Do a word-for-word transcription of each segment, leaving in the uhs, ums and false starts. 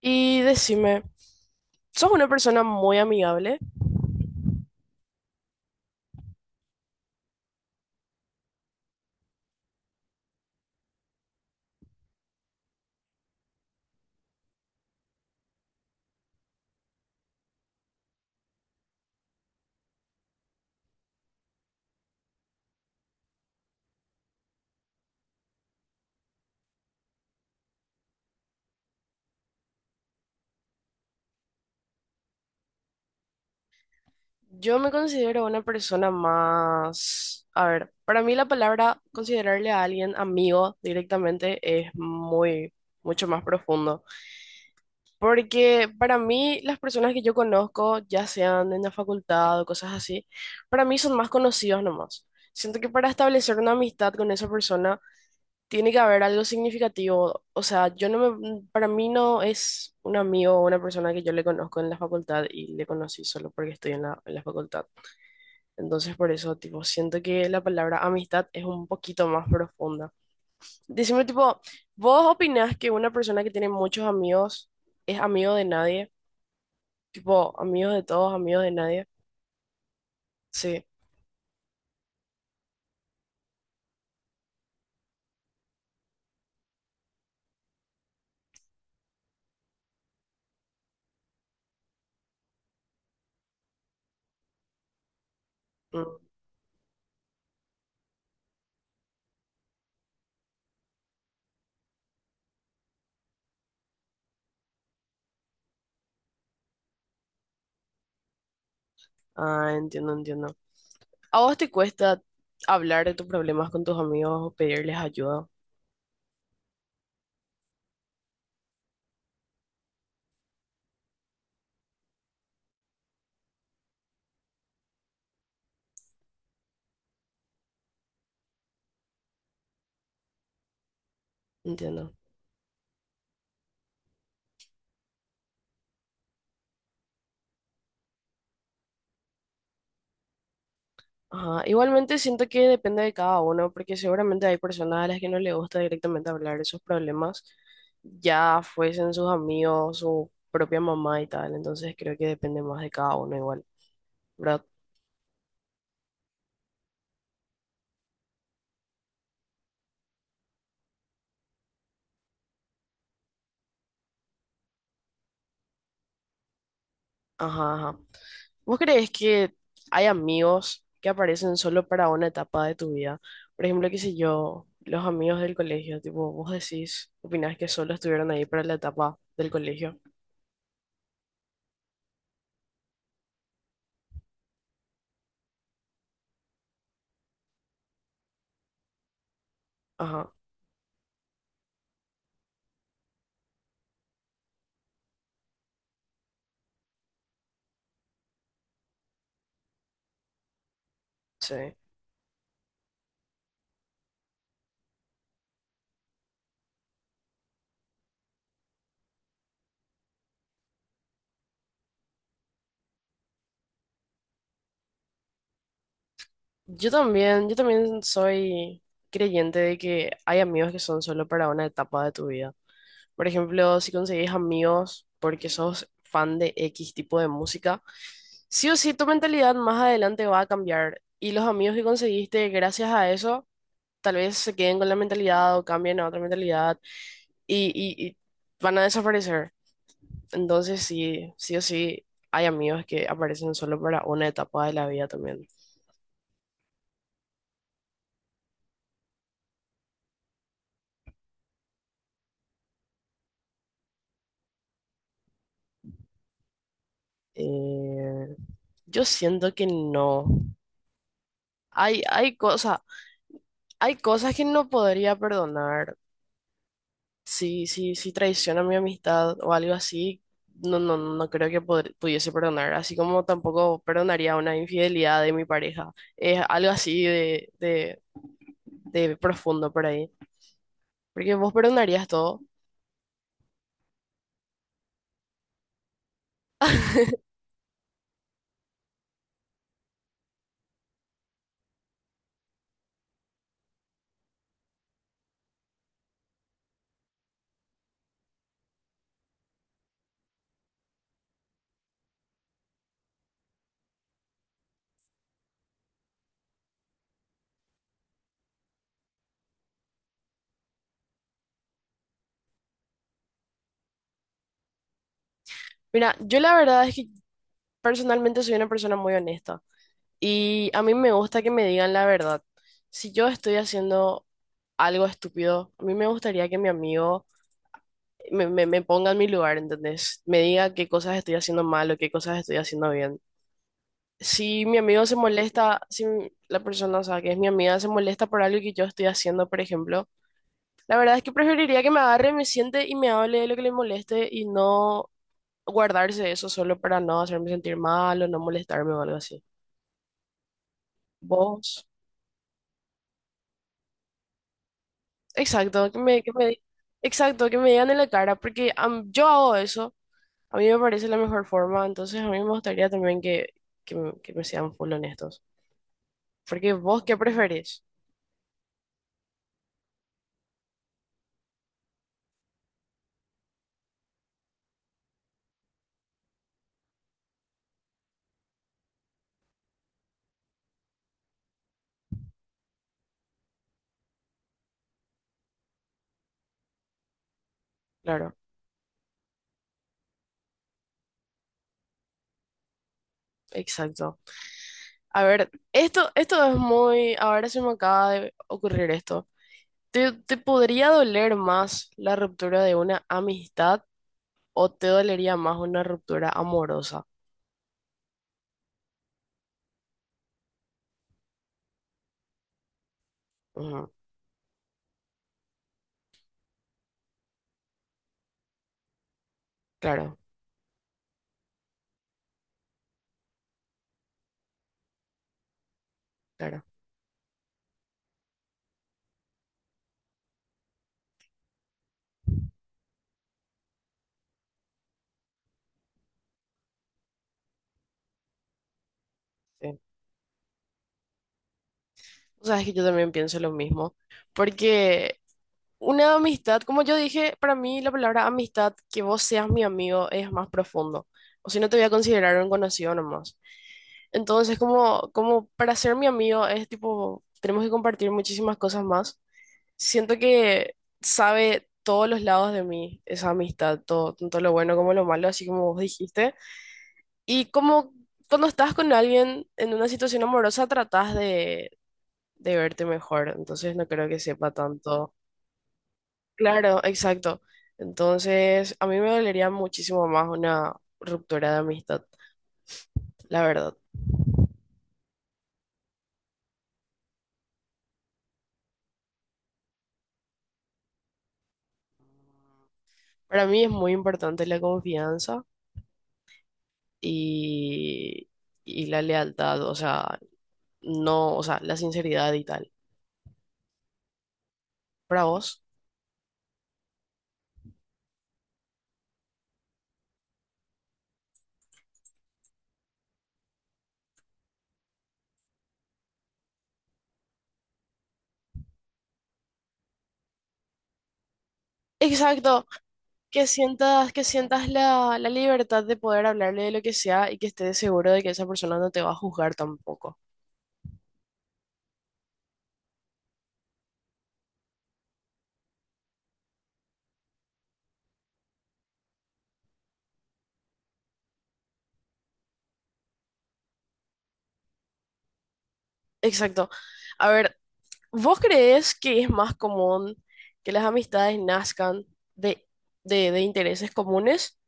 Y decime, ¿sos una persona muy amigable? Yo me considero una persona más, a ver, para mí la palabra considerarle a alguien amigo directamente es muy, mucho más profundo, porque para mí las personas que yo conozco, ya sean en la facultad o cosas así, para mí son más conocidos nomás. Siento que para establecer una amistad con esa persona tiene que haber algo significativo, o sea, yo no me, para mí no es un amigo o una persona que yo le conozco en la facultad y le conocí solo porque estoy en la, en la facultad. Entonces, por eso, tipo, siento que la palabra amistad es un poquito más profunda. Decime, tipo, ¿vos opinás que una persona que tiene muchos amigos es amigo de nadie? Tipo, amigos de todos, amigos de nadie. Sí. Mm. Ah, entiendo, entiendo. ¿A vos te cuesta hablar de tus problemas con tus amigos o pedirles ayuda? Entiendo. Ajá, igualmente siento que depende de cada uno, porque seguramente hay personas a las que no le gusta directamente hablar de sus problemas, ya fuesen sus amigos, su propia mamá y tal, entonces creo que depende más de cada uno igual, ¿verdad? Ajá, ajá. ¿Vos crees que hay amigos que aparecen solo para una etapa de tu vida? Por ejemplo, qué sé yo, los amigos del colegio, tipo, vos decís, opinás que solo estuvieron ahí para la etapa del colegio. Ajá, sí. Yo también, yo también soy creyente de que hay amigos que son solo para una etapa de tu vida. Por ejemplo, si conseguís amigos porque sos fan de X tipo de música, sí o sí tu mentalidad más adelante va a cambiar y los amigos que conseguiste gracias a eso tal vez se queden con la mentalidad o cambien a otra mentalidad y, y- y van a desaparecer. Entonces sí, sí o sí hay amigos que aparecen solo para una etapa de la vida también. Eh, Yo siento que no. Hay, hay cosas, hay cosas que no podría perdonar. Si, si, si traiciona mi amistad o algo así, no, no, no creo que podr- pudiese perdonar. Así como tampoco perdonaría una infidelidad de mi pareja. Es algo así de, de, de profundo por ahí. Porque vos perdonarías todo. Mira, yo la verdad es que personalmente soy una persona muy honesta. Y a mí me gusta que me digan la verdad. Si yo estoy haciendo algo estúpido, a mí me gustaría que mi amigo me, me- me ponga en mi lugar, ¿entendés? Me diga qué cosas estoy haciendo mal o qué cosas estoy haciendo bien. Si mi amigo se molesta, si m- la persona, o sea, que es mi amiga, se molesta por algo que yo estoy haciendo, por ejemplo, la verdad es que preferiría que me agarre, me siente y me hable de lo que le moleste y no guardarse eso solo para no hacerme sentir mal o no molestarme o algo así. ¿Vos? Exacto, que me, que me, exacto, que me digan en la cara, porque am- yo hago eso, a mí me parece la mejor forma, entonces a mí me gustaría también que, que, me que me sean full honestos. Porque vos, ¿qué preferís? Claro, exacto. A ver, esto, esto es muy, ahora se me acaba de ocurrir esto. ¿Te, te podría doler más la ruptura de una amistad o te dolería más una ruptura amorosa? Ujú, claro, claro. Sí. O sea, es que yo también pienso lo mismo, porque... Una amistad, como yo dije, para mí la palabra amistad, que vos seas mi amigo, es más profundo. O si no, te voy a considerar un conocido nomás. Entonces, como, como para ser mi amigo, es tipo, tenemos que compartir muchísimas cosas más. Siento que sabe todos los lados de mí esa amistad, todo, tanto lo bueno como lo malo, así como vos dijiste. Y como cuando estás con alguien en una situación amorosa, tratás de, de verte mejor. Entonces, no creo que sepa tanto. Claro, exacto. Entonces, a mí me dolería muchísimo más una ruptura de amistad, la verdad. Para mí es muy importante la confianza y, y la lealtad, o sea, no, o sea, la sinceridad y tal. ¿Para vos? Exacto, que sientas, que sientas la, la libertad de poder hablarle de lo que sea y que estés seguro de que esa persona no te va a juzgar tampoco. Exacto. A ver, ¿vos crees que es más común que las amistades nazcan de, de, de intereses comunes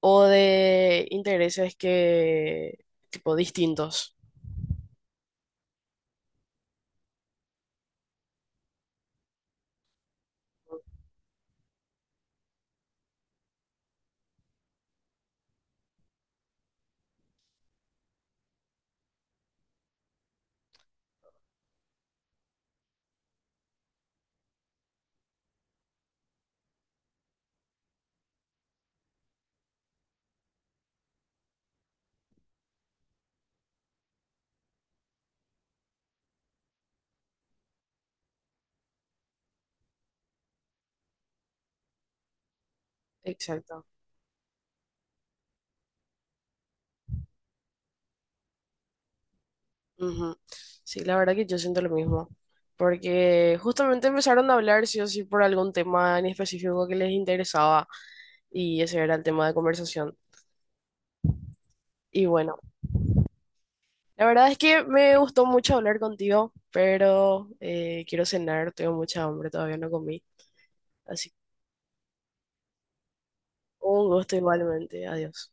o de intereses que, tipo, distintos? Exacto. Ujú. Sí, la verdad que yo siento lo mismo, porque justamente empezaron a hablar sí o sí por algún tema en específico que les interesaba y ese era el tema de conversación. Y bueno, la verdad es que me gustó mucho hablar contigo, pero eh, quiero cenar, tengo mucha hambre, todavía no comí, así Un gusto igualmente. Adiós.